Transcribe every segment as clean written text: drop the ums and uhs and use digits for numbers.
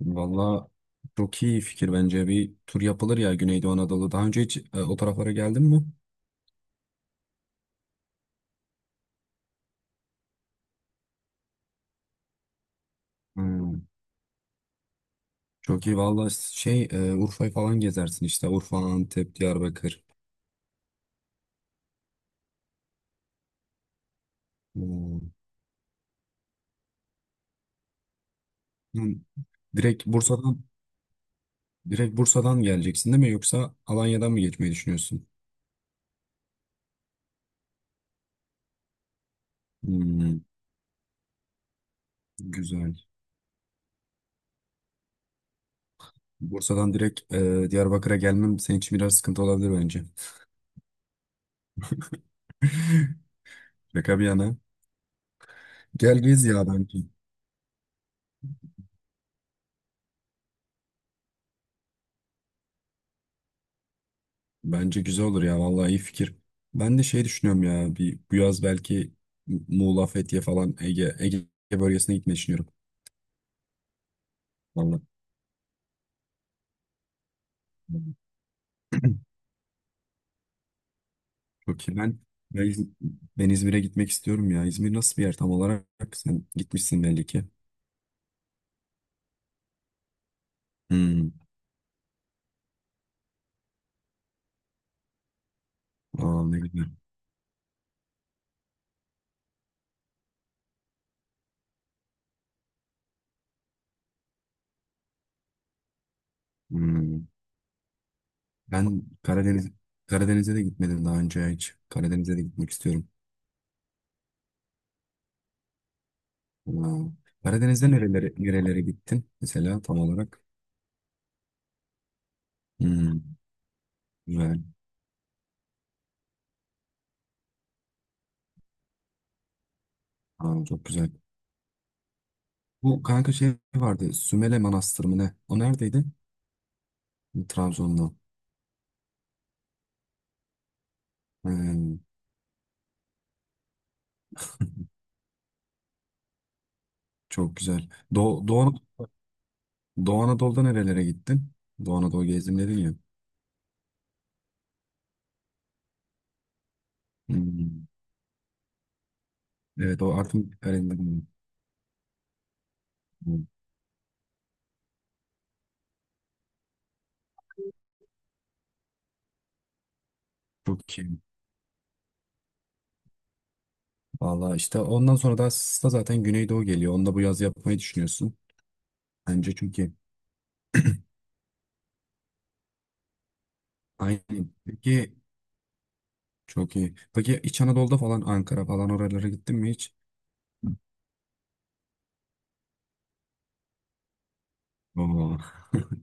Valla, çok iyi fikir bence bir tur yapılır ya Güneydoğu Anadolu. Daha önce hiç o taraflara geldin mi? Hmm. Çok iyi valla. Urfa'yı falan gezersin işte. Urfa, Antep, Diyarbakır. Hmm. Hmm. Direkt Bursa'dan direkt Bursa'dan geleceksin değil mi, yoksa Alanya'dan mı geçmeyi düşünüyorsun? Hmm. Güzel. Bursa'dan direkt Diyarbakır'a gelmem senin için biraz sıkıntı olabilir bence. Şaka bir yana. Gel gez ya bence. Bence güzel olur ya, vallahi iyi fikir. Ben de şey düşünüyorum ya, bir bu yaz belki Muğla, Fethiye falan Ege bölgesine gitmeyi düşünüyorum. Vallahi çok iyi. Ben, İz- ben İzmir'e gitmek istiyorum ya. İzmir nasıl bir yer tam olarak? Sen gitmişsin belli ki. Hmm. Aa, ne güzel. Hmm. Ben Karadeniz Karadeniz'e de gitmedim daha önce hiç. Karadeniz'e de gitmek istiyorum. Aa. Karadeniz'de nerelere gittin mesela tam olarak? Hmm. Güzel. Aa, çok güzel. Bu kanka şey vardı, Sümele Manastırı mı ne? O neredeydi? Trabzon'da. Hmm, çok güzel. Doğu, Doğu, Doğu Anadolu'da nerelere gittin? Doğu Anadolu gezdim dedin ya. Hmm. Evet, o Artvin Kalesi'nde. Çok iyi. Valla, işte ondan sonra da aslında zaten Güneydoğu geliyor. Onu da bu yaz yapmayı düşünüyorsun. Bence çünkü. Aynen. Peki, çok iyi. Peki İç Anadolu'da falan, Ankara falan, oralara gittin mi hiç? Oo.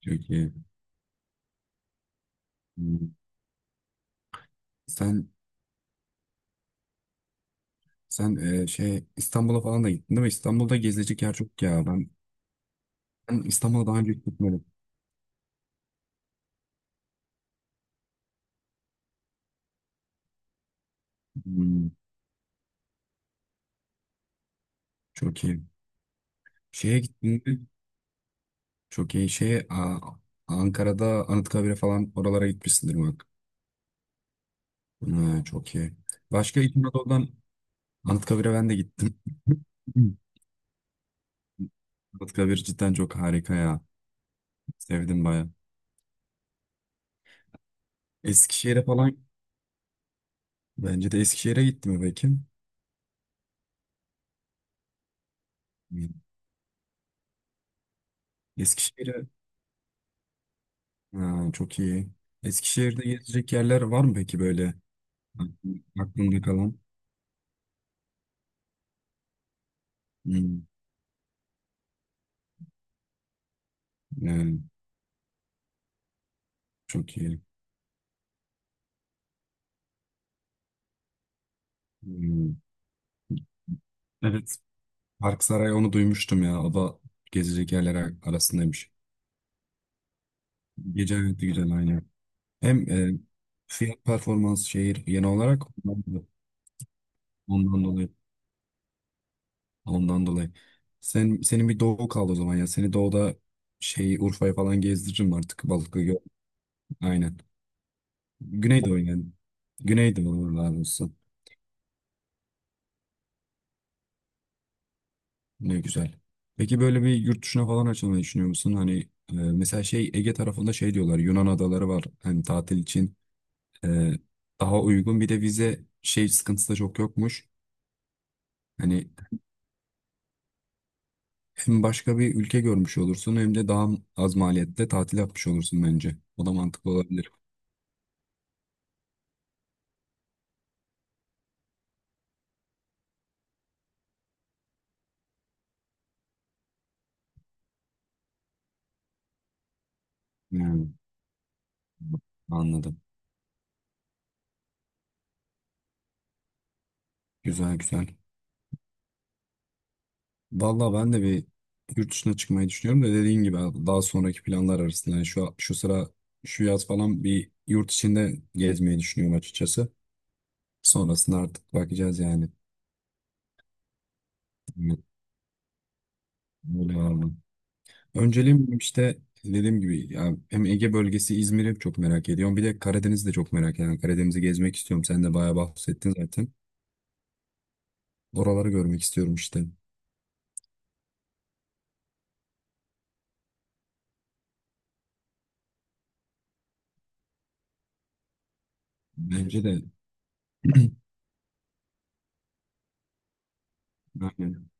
Çok iyi. Hmm. Sen Sen İstanbul'a falan da gittin değil mi? İstanbul'da gezilecek yer çok ya. Ben İstanbul'a daha önce hiç gitmedim. Hmm, çok iyi. Şeye gittin mi? Çok iyi. Ankara'da Anıtkabir'e falan oralara gitmişsindir bak. Ha, çok iyi. Başka İç Anadolu'dan Anıtkabir'e ben de gittim. Anıtkabir cidden çok harika ya. Sevdim baya. Eskişehir'e falan, bence de Eskişehir'e gitti mi peki? Hmm. Eskişehir'e, ha, çok iyi. Eskişehir'de gezecek yerler var mı peki böyle? Aklımda kalan. Hmm, yani çok iyi. Hmm. Evet. Park Saray, onu duymuştum ya. O da gezecek yerler arasındaymış. Gece hayatı güzel aynı. Hem fiyat performans şehir yeni olarak ondan dolayı. Ondan dolayı. Senin bir doğu kaldı o zaman ya. Seni doğuda şey Urfa'ya falan gezdiririm artık. Balıklı. Aynen. Güneydoğu yani. Güneydoğu olurlar. Ne güzel. Peki böyle bir yurt dışına falan açılmayı düşünüyor musun? Hani mesela şey Ege tarafında şey diyorlar, Yunan adaları var hani tatil için e, daha uygun, bir de vize şey sıkıntısı da çok yokmuş. Hani hem başka bir ülke görmüş olursun hem de daha az maliyette tatil yapmış olursun bence. O da mantıklı olabilir. Hmm, anladım. Güzel güzel. Vallahi ben de bir yurt dışına çıkmayı düşünüyorum da dediğin gibi abi, daha sonraki planlar arasında. Yani şu sıra, şu yaz falan bir yurt içinde gezmeyi düşünüyorum açıkçası. Sonrasında artık bakacağız yani. Böyle var mı? Önceliğim işte, dediğim gibi ya, hem Ege bölgesi, İzmir'i çok merak ediyorum. Bir de Karadeniz'i de çok merak ediyorum. Yani Karadeniz'i gezmek istiyorum. Sen de bayağı bahsettin zaten. Oraları görmek istiyorum işte. Bence de. Aynen.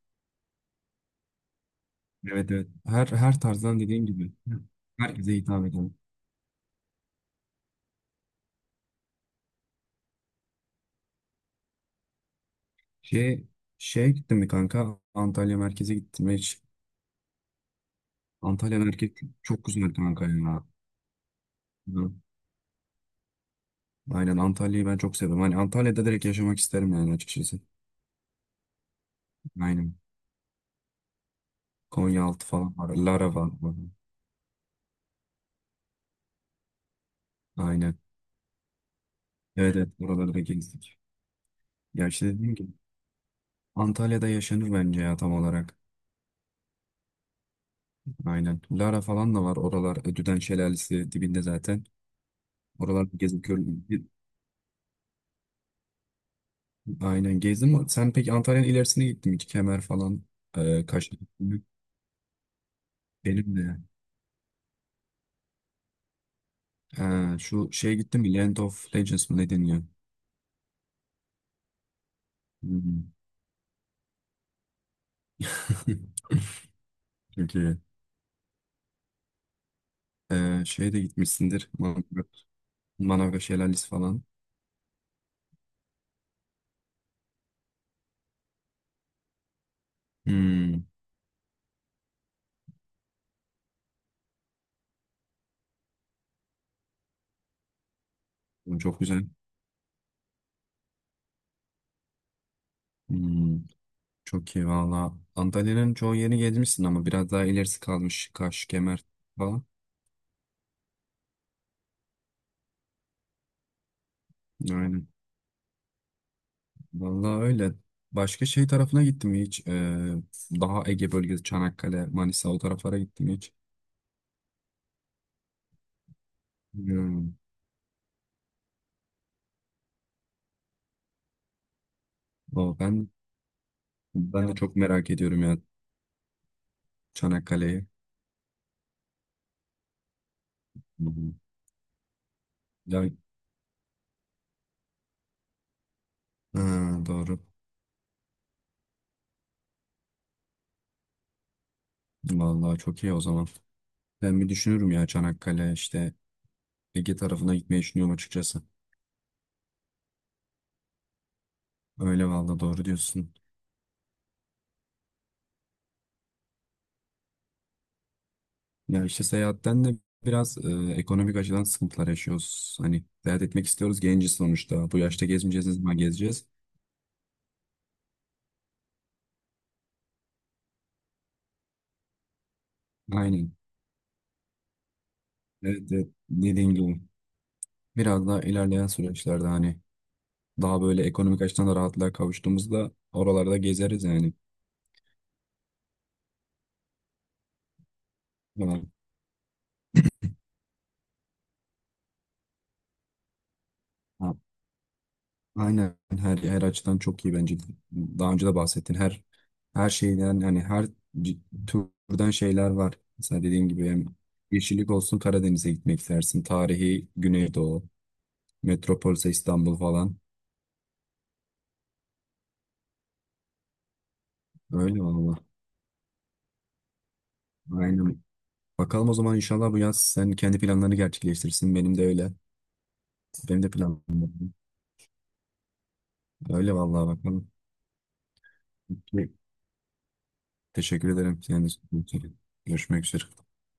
Evet evet. Her tarzdan, dediğim gibi, herkese hitap eden. Şey, şeye gittin mi kanka? Antalya merkeze gittim ve hiç. Antalya merkez çok güzel kanka ya. Hı. Aynen, Antalya'yı ben çok seviyorum. Hani Antalya'da direkt yaşamak isterim yani açıkçası. Aynen. Konyaaltı falan var. Lara var. Aynen. Evet evet, oraları da gezdik. Ya işte dediğim gibi, Antalya'da yaşanır bence ya tam olarak. Aynen. Lara falan da var. Oralar Ödüden Şelalesi dibinde zaten. Oralar gezip gör. Aynen, gezdim. Sen peki Antalya'nın ilerisine gittin mi hiç? Kemer falan. E, Kaş. Benim de. Şu şeye gittim mi, Land of Legends mı ne deniyor? Hmm. Çok iyi. Şeye de gitmişsindir. Manavga Şelalesi falan. Hmm. Bu çok güzel. Hmm. Çok iyi valla. Antalya'nın çoğu yerini gezmişsin ama biraz daha ilerisi kalmış. Kaş, Kemer falan. Aynen. Valla öyle. Başka şey tarafına gittim mi hiç? Daha Ege bölgesi, Çanakkale, Manisa, o taraflara gittim mi hiç? Hmm. O, ben de çok merak ediyorum ya. Çanakkale'yi. Hı hı. Ya, ha, doğru. Vallahi çok iyi o zaman. Ben bir düşünürüm ya, Çanakkale işte Ege tarafına gitmeyi düşünüyorum açıkçası. Öyle, vallahi doğru diyorsun. Ya işte seyahatten de biraz ekonomik açıdan sıkıntılar yaşıyoruz. Hani seyahat etmek istiyoruz, genciz sonuçta. Bu yaşta gezmeyeceğiz ne zaman gezeceğiz? Aynen. Evet, evet. Dediğin gibi. Biraz daha ilerleyen süreçlerde hani daha böyle ekonomik açıdan da rahatlığa kavuştuğumuzda oralarda gezeriz yani. Falan. Aynen, her açıdan çok iyi bence. Daha önce de bahsettin. Her şeyden, hani, her c- türden şeyler var. Mesela dediğin gibi, hem yeşillik olsun Karadeniz'e gitmek istersin. Tarihi Güneydoğu, metropolse İstanbul falan. Öyle valla. Aynen. Bakalım, o zaman inşallah bu yaz sen kendi planlarını gerçekleştirsin. Benim de öyle. Benim de var. Öyle vallahi, bakalım. Teşekkür ederim. Yani görüşmek üzere.